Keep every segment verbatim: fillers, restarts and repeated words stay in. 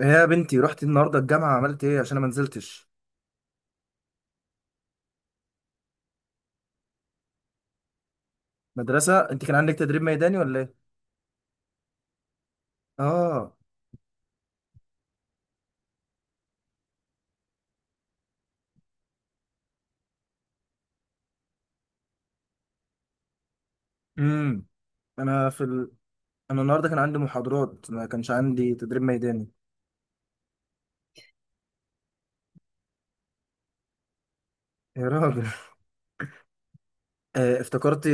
إيه يا بنتي، رحت النهارده الجامعه؟ عملت ايه؟ عشان انا ما نزلتش مدرسه. انت كان عندك تدريب ميداني ولا ايه؟ اه. امم انا في ال... انا النهارده كان عندي محاضرات، ما كانش عندي تدريب ميداني. يا راجل! آه، افتكرت.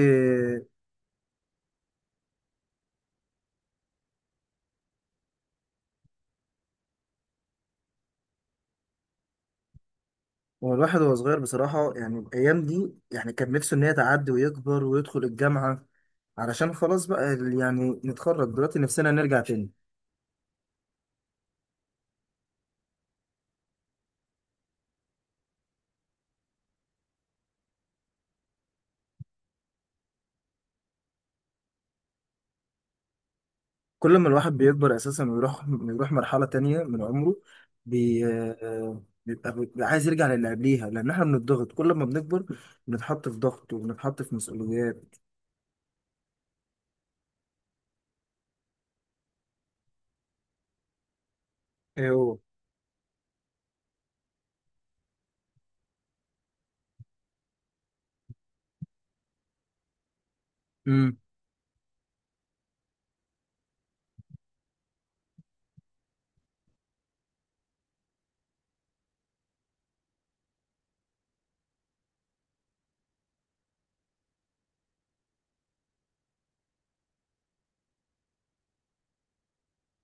هو الواحد وهو صغير بصراحه، يعني الايام دي، يعني كان نفسه ان هي تعدي ويكبر ويدخل الجامعه، علشان خلاص بقى ال- يعني نتخرج دلوقتي، نفسنا نرجع تاني. كل ما الواحد بيكبر اساسا ويروح يروح مرحله تانية من عمره، بي... آه، بيبقى بيبقى عايز يرجع للي قبليها، لان احنا بنضغط كل ما بنكبر، بنتحط في ضغط وبنتحط في مسؤوليات. ايوه. امم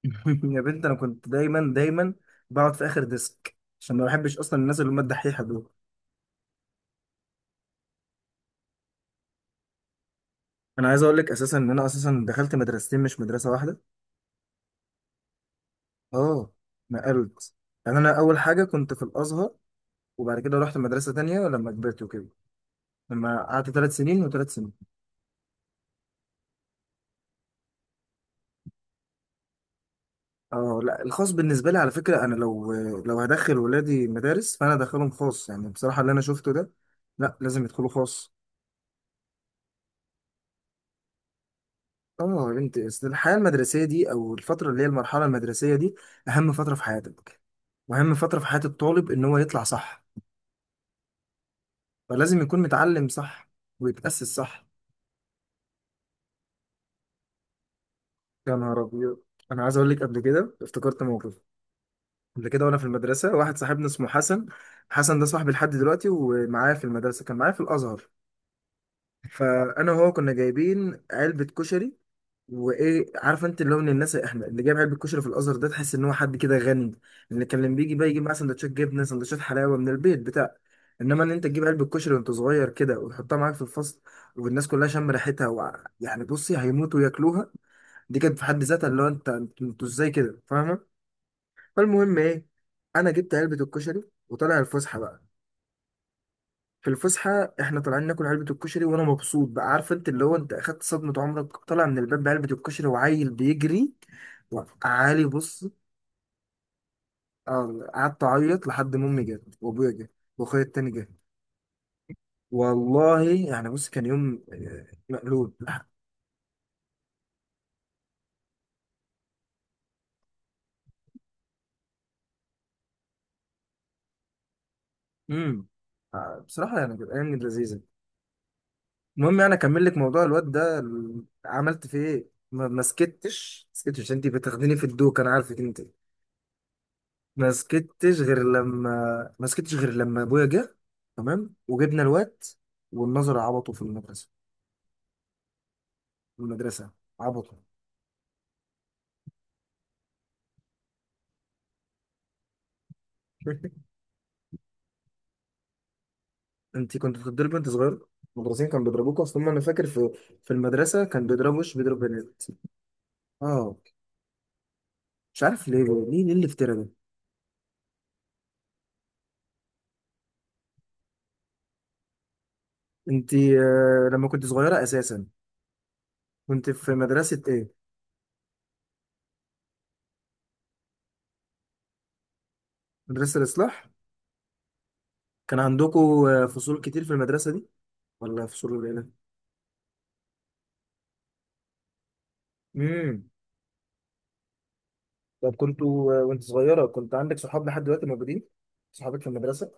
يا بنت، انا كنت دايما دايما بقعد في اخر ديسك، عشان ما بحبش اصلا الناس اللي هم الدحيحه دول. انا عايز اقول لك اساسا ان انا اساسا دخلت مدرستين، مش مدرسه واحده. اه، نقلت. يعني انا اول حاجه كنت في الازهر، وبعد كده رحت مدرسه تانية لما كبرت وكده، لما قعدت ثلاث سنين وثلاث سنين. اه لا، الخاص بالنسبه لي على فكره، انا لو لو هدخل ولادي مدارس فانا هدخلهم خاص، يعني بصراحه اللي انا شفته ده، لا، لازم يدخلوا خاص. اه يا بنتي، أصل الحياه المدرسيه دي، او الفتره اللي هي المرحله المدرسيه دي، اهم فتره في حياتك، واهم فتره في حياه الطالب ان هو يطلع صح، فلازم يكون متعلم صح ويتاسس صح. يا نهار ابيض! انا عايز اقول لك قبل كده افتكرت موقف. قبل كده وانا في المدرسه، واحد صاحبنا اسمه حسن. حسن ده صاحبي لحد دلوقتي، ومعايا في المدرسه كان معايا في الازهر. فانا وهو كنا جايبين علبه كشري، وايه، عارف انت اللي هو من الناس، احنا اللي جايب علبه كشري في الازهر ده تحس ان هو حد كده غني. اللي كان لما بيجي بقى يجيب معاه سندوتشات جبنه، سندوتشات حلاوه من البيت، بتاع. انما ان انت تجيب علبه كشري وانت صغير كده وتحطها معاك في الفصل، والناس كلها شم ريحتها و... يعني بصي، هيموتوا ياكلوها. دي كانت في حد ذاتها اللي هو انت، انتوا انتوا ازاي كده، فاهمه؟ فالمهم ايه؟ انا جبت علبه الكشري، وطلع الفسحه بقى. في الفسحة احنا طالعين ناكل علبة الكشري وانا مبسوط بقى، عارف انت اللي هو انت اخدت صدمة عمرك! طالع من الباب بعلبة الكشري وعيل بيجري وعالي، بص، آه، قعدت اعيط لحد ما امي جت وابويا جه، واخويا التاني جه. والله يعني بص، كان يوم آه، مقلوب. امم آه، بصراحة يعني كانت ايام لذيذة. المهم يعني اكمل لك موضوع الواد ده ال- عملت فيه ايه. ما ما سكتش ما سكتش انت، بتاخديني في الدوك انا، عارفك انت. ما سكتش غير لما ما سكتش غير لما ابويا جه. تمام، وجبنا الواد والنظر عبطه في المدرسه في المدرسه عبطه. انت كنت بتضربي وانت صغير؟ المدرسين كانوا بيضربوك؟ اصلا انا فاكر في في المدرسه كان بيضرب، وش بيضرب بنات. اه، مش عارف ليه ليه ليه الافتراء ده. انت آه، لما كنت صغيره اساسا كنت في مدرسه ايه؟ مدرسه الاصلاح؟ كان عندكم آه، فصول كتير في المدرسه دي ولا فصول قليله؟ امم طب كنتوا وانت صغيرة كنت عندك صحاب لحد دلوقتي موجودين؟ صحابك في المدرسة؟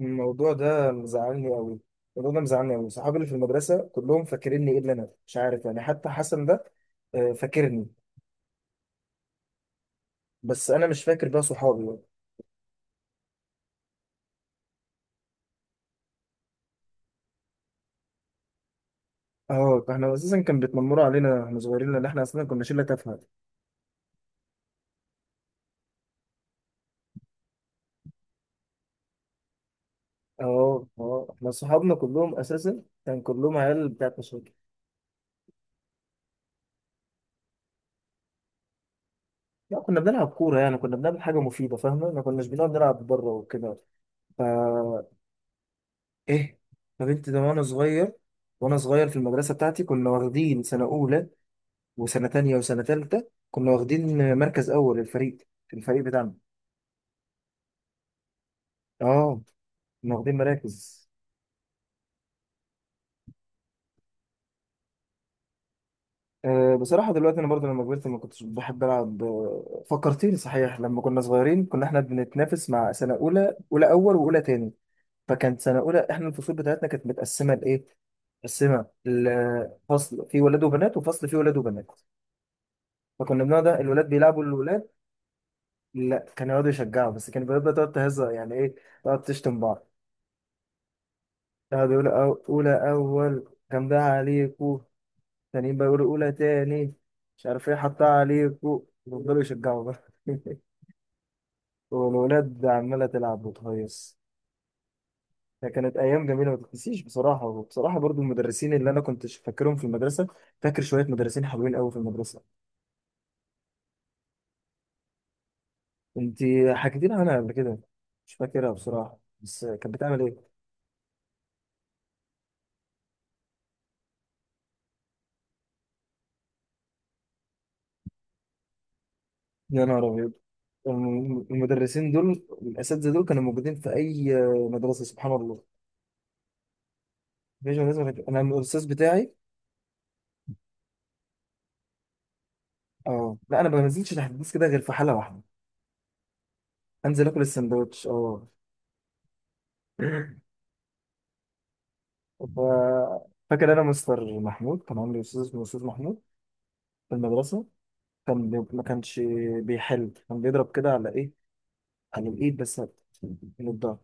الموضوع ده مزعلني قوي. الموضوع ده مزعلني قوي، صحابي اللي في المدرسة كلهم فاكريني الا انا، مش عارف يعني. حتى حسن ده آه، فاكرني، بس انا مش فاكر بقى صحابي بقى. اه، احنا اساسا كان بيتنمروا علينا احنا صغيرين، لان احنا اصلا كنا شله تافهه. اه، اه، احنا صحابنا كلهم اساسا كان كلهم عيال بتاعت مشاكل. لا، كنا بنلعب كوره يعني، كنا بنعمل حاجه مفيده فاهمه، ما كناش بنقعد نلعب بره وكده. ف ايه؟ طب انت ده. وانا صغير وانا صغير في المدرسه بتاعتي كنا واخدين سنه اولى، وسنه تانية وسنه تالتة كنا واخدين مركز اول، الفريق الفريق بتاعنا، اه، كنا واخدين مراكز. أه بصراحه دلوقتي انا برضه لما كبرت ما كنتش بحب العب، آه، فكرتيني صحيح، لما كنا صغيرين كنا احنا بنتنافس مع سنه اولى، اولى اول واولى تاني. فكانت سنه اولى احنا الفصول بتاعتنا كانت متقسمه لايه، متقسمه، الفصل فيه ولاد وبنات وفصل فيه ولاد وبنات. فكنا بنقعد الولاد بيلعبوا الولاد، لا كان يقعد يشجعه بس، كان بيبقى تقعد تهزر يعني ايه، تقعد تشتم بعض. يقعد يقول أو... اولى اول كان ده عليكو، تانيين بقى يقولوا اولى تاني، مش عارف ايه، حطها عليكو، يفضلوا يشجعوا بقى، والولاد عمالة تلعب وتهيص. كانت ايام جميله ما تتنسيش بصراحه، وبصراحه برضو المدرسين اللي انا كنت فاكرهم في المدرسه، فاكر شويه مدرسين حلوين قوي في المدرسه. انت حكيتي لي عنها قبل كده، مش فاكرها بصراحه بس، كانت بتعمل ايه؟ يا نهار أبيض! الم- المدرسين دول، الأساتذة دول كانوا موجودين في أي مدرسة، سبحان الله. مفيش مدرسة ما كانت- أنا الأستاذ بتاعي. أه لا، أنا ما بنزلش تحت الديسك كده غير في حالة واحدة، أنزل آكل السندوتش أه. ف... فاكر أنا مستر محمود، كان عندي أستاذ اسمه أستاذ محمود في المدرسة. كان بي- ما كانش بيحل، كان بيضرب كده على إيه، على الإيد بس، من الضهر.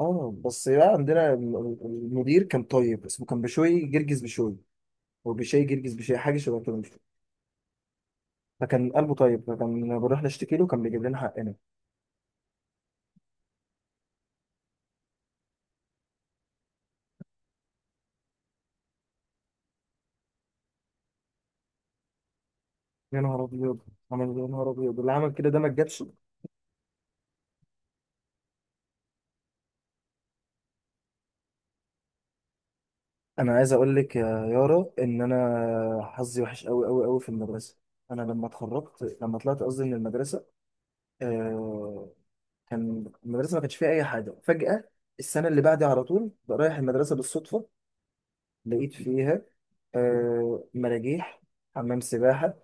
اه بس بقى عندنا الم- المدير كان طيب، اسمه كان بشوي جرجس بشوي، هو بشوي جرجس بشوي حاجه شبه كده. فكان قلبه طيب، فكان لما بنروح نشتكي له كان بيجيب لنا حقنا. يا نهار ابيض! عمل إيه؟ يا نهار ابيض! اللي عمل كده ده ما جابش. انا عايز اقول لك يا يارا ان انا حظي وحش قوي قوي قوي في المدرسه. انا لما اتخرجت، لما طلعت قصدي من المدرسه، آه، كان المدرسه ما كانش فيها اي حاجه فجاه. السنه اللي بعدي على طول بقى، رايح المدرسه بالصدفه، لقيت فيها آه، مراجيح، حمام سباحه،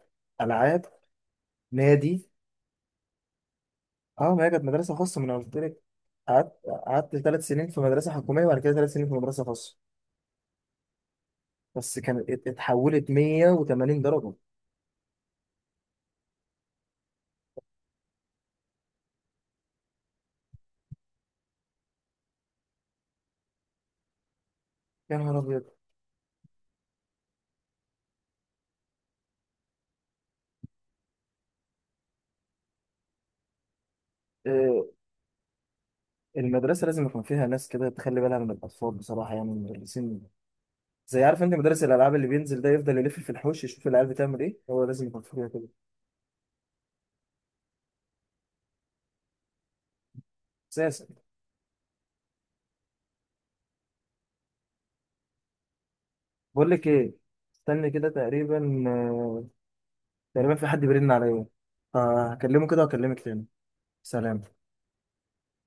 العاب، نادي. اه ما هي كانت مدرسه خاصه من قلت لك. قعدت قعدت ثلاث سنين في مدرسه حكوميه، وبعد كده ثلاث سنين في مدرسه خاصه. بس كانت ات- اتحولت مية وتمانين درجه. يا نهار ابيض! آه، المدرسه لازم يكون فيها ناس كده تخلي بالها من الاطفال بصراحه، يعني المدرسين، زي عارف انت مدرس الالعاب اللي بينزل ده يفضل يلف في الحوش يشوف العيال بتعمل ايه، هو لازم يكون فيها كده اساسا. بقول لك ايه، استنى كده، تقريبا آه، تقريبا في حد بيرن عليا، فهكلمه كده واكلمك تاني. سلام.